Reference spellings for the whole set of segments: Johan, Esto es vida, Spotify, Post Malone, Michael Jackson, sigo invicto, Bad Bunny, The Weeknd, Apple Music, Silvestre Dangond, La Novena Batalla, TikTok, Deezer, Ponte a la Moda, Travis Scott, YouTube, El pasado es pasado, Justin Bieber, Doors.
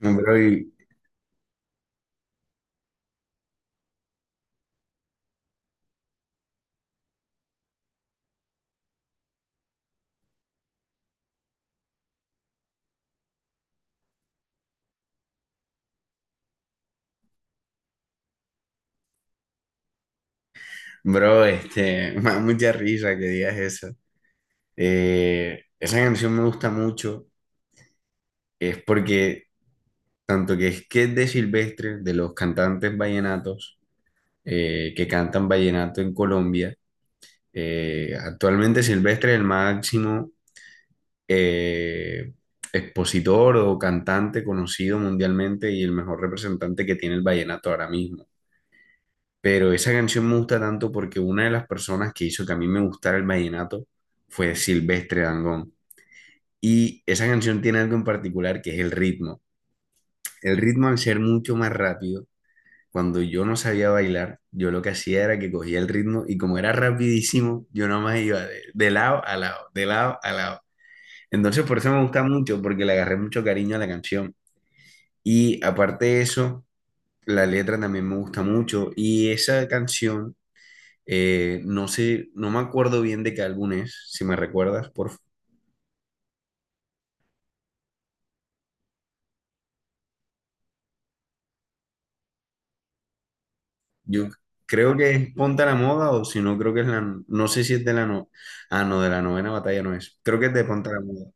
Bro, y- bro, me da mucha risa que digas eso. Esa canción me gusta mucho, es porque tanto que es de Silvestre, de los cantantes vallenatos, que cantan vallenato en Colombia. Actualmente Silvestre es el máximo eh, expositor o cantante conocido mundialmente y el mejor representante que tiene el vallenato ahora mismo. Pero esa canción me gusta tanto porque una de las personas que hizo que a mí me gustara el vallenato fue Silvestre Dangond. Y esa canción tiene algo en particular que es el ritmo. El ritmo al ser mucho más rápido, cuando yo no sabía bailar, yo lo que hacía era que cogía el ritmo y como era rapidísimo, yo nomás iba de lado a lado, de lado a lado. Entonces por eso me gusta mucho, porque le agarré mucho cariño a la canción. Y aparte de eso, la letra también me gusta mucho. Y esa canción... No sé, no me acuerdo bien de qué álbum es, si me recuerdas, Yo creo que es Ponte a la Moda o si no, creo que es la... No sé si es de la... No, ah, no, de la novena batalla no es. Creo que es de Ponte a la Moda.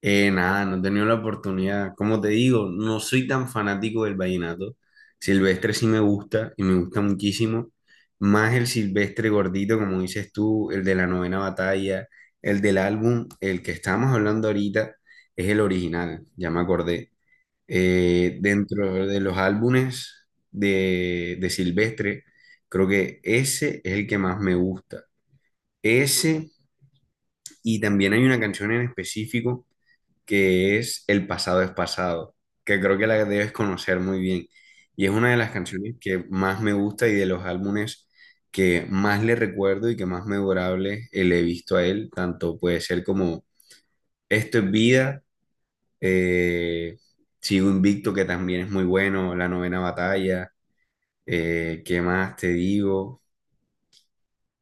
Nada, no he tenido la oportunidad. Como te digo, no soy tan fanático del vallenato. Silvestre sí me gusta y me gusta muchísimo. Más el Silvestre gordito, como dices tú, el de la novena batalla, el del álbum, el que estábamos hablando ahorita, es el original, ya me acordé. Dentro de los álbumes de Silvestre, creo que ese es el que más me gusta. Ese, y también hay una canción en específico que es El pasado es pasado, que creo que la debes conocer muy bien. Y es una de las canciones que más me gusta y de los álbumes que más le recuerdo y que más memorable le he visto a él, tanto puede ser como Esto es vida, eh, sigo invicto, que también es muy bueno, La Novena Batalla. ¿Qué más te digo?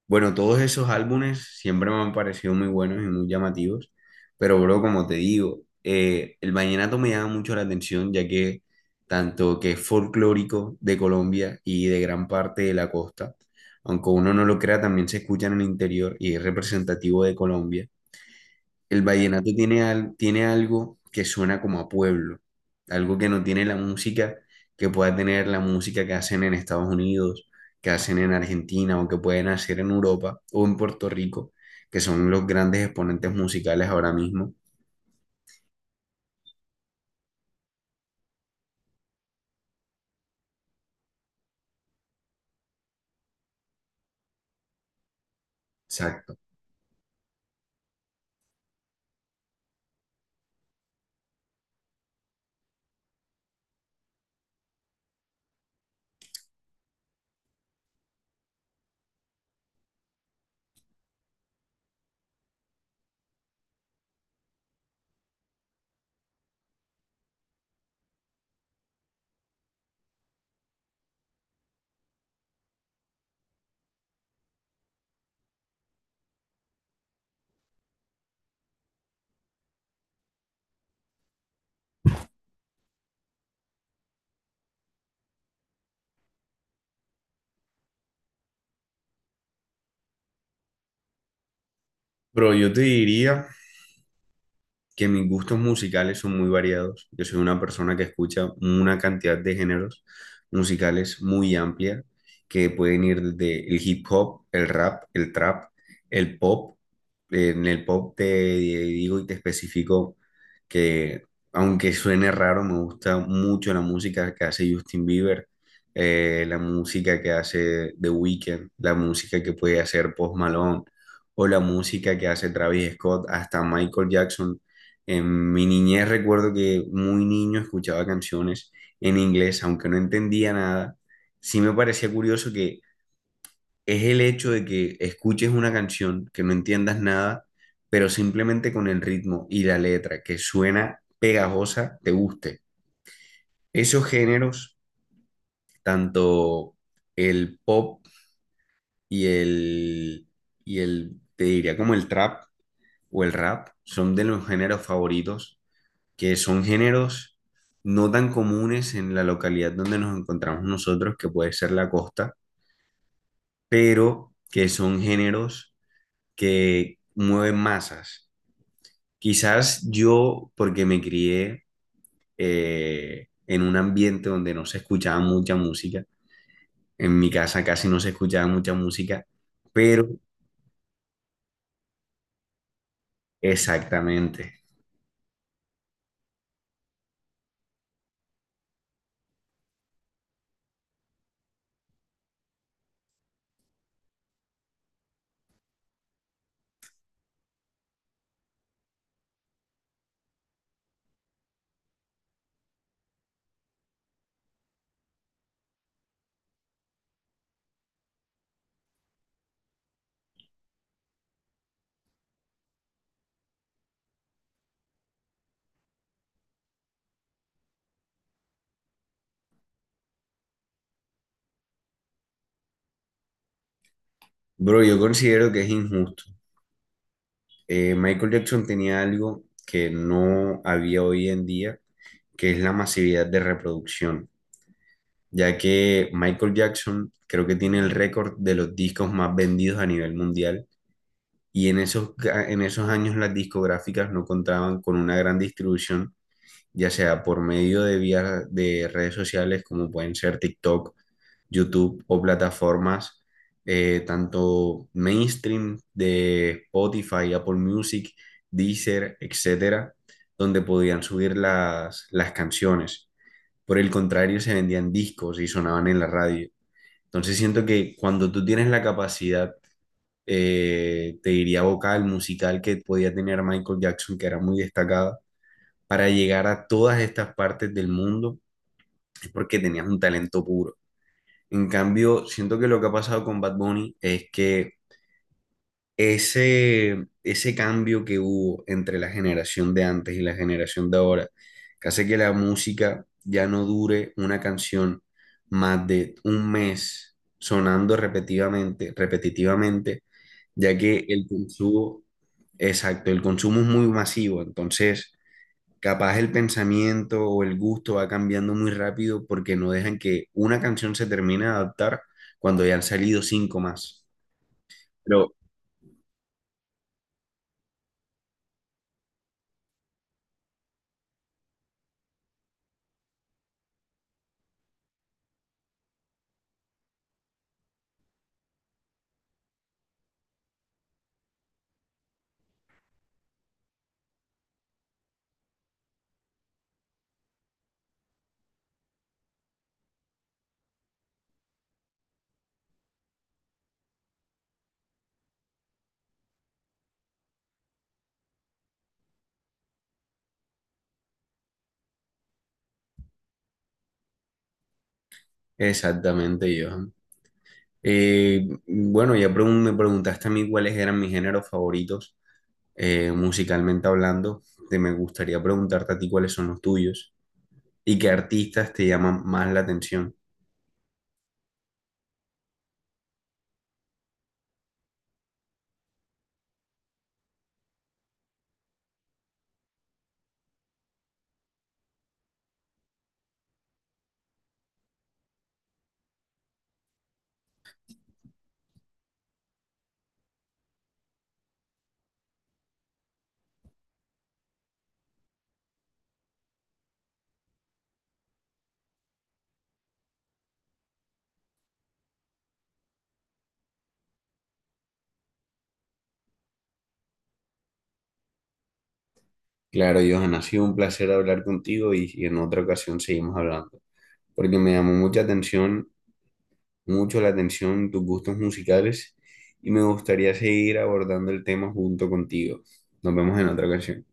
Bueno, todos esos álbumes siempre me han parecido muy buenos y muy llamativos, pero bro, como te digo, el vallenato me llama mucho la atención, ya que tanto que es folclórico de Colombia y de gran parte de la costa, aunque uno no lo crea, también se escucha en el interior y es representativo de Colombia. El vallenato tiene algo que suena como a pueblo, algo que no tiene la música que pueda tener la música que hacen en Estados Unidos, que hacen en Argentina o que pueden hacer en Europa o en Puerto Rico, que son los grandes exponentes musicales ahora mismo. Exacto. Pero yo te diría que mis gustos musicales son muy variados. Yo soy una persona que escucha una cantidad de géneros musicales muy amplia, que pueden ir desde el hip hop, el rap, el trap, el pop. En el pop te digo y te especifico que, aunque suene raro, me gusta mucho la música que hace Justin Bieber, la música que hace The Weeknd, la música que puede hacer Post Malone o la música que hace Travis Scott, hasta Michael Jackson. En mi niñez recuerdo que muy niño escuchaba canciones en inglés, aunque no entendía nada. Sí me parecía curioso que es el hecho de que escuches una canción, que no entiendas nada, pero simplemente con el ritmo y la letra que suena pegajosa, te guste. Esos géneros, tanto el pop y el, y el te diría como el trap o el rap, son de los géneros favoritos, que son géneros no tan comunes en la localidad donde nos encontramos nosotros, que puede ser la costa, pero que son géneros que mueven masas. Quizás yo, porque me crié en un ambiente donde no se escuchaba mucha música, en mi casa casi no se escuchaba mucha música, pero exactamente. Bro, yo considero que es injusto. Michael Jackson tenía algo que no había hoy en día, que es la masividad de reproducción, ya que Michael Jackson creo que tiene el récord de los discos más vendidos a nivel mundial y en esos, en esos años las discográficas no contaban con una gran distribución, ya sea por medio de vías de redes sociales como pueden ser TikTok, YouTube o plataformas, tanto mainstream, de Spotify, Apple Music, Deezer, etcétera, donde podían subir las canciones. Por el contrario, se vendían discos y sonaban en la radio. Entonces siento que cuando tú tienes la capacidad, te diría vocal, musical, que podía tener Michael Jackson, que era muy destacada, para llegar a todas estas partes del mundo, es porque tenías un talento puro. En cambio, siento que lo que ha pasado con Bad Bunny es que ese cambio que hubo entre la generación de antes y la generación de ahora, que hace que la música ya no dure una canción más de un mes sonando repetitivamente, repetitivamente, ya que el consumo, exacto, el consumo es muy masivo, entonces capaz el pensamiento o el gusto va cambiando muy rápido porque no dejan que una canción se termine de adaptar cuando ya han salido cinco más. Pero exactamente, yo. Bueno, ya me preguntaste a mí cuáles eran mis géneros favoritos, musicalmente hablando. Te me gustaría preguntarte a ti cuáles son los tuyos y qué artistas te llaman más la atención. Claro, Johan, ha sido un placer hablar contigo y en otra ocasión seguimos hablando, porque me llamó mucha atención, mucho la atención tus gustos musicales y me gustaría seguir abordando el tema junto contigo. Nos vemos en otra ocasión.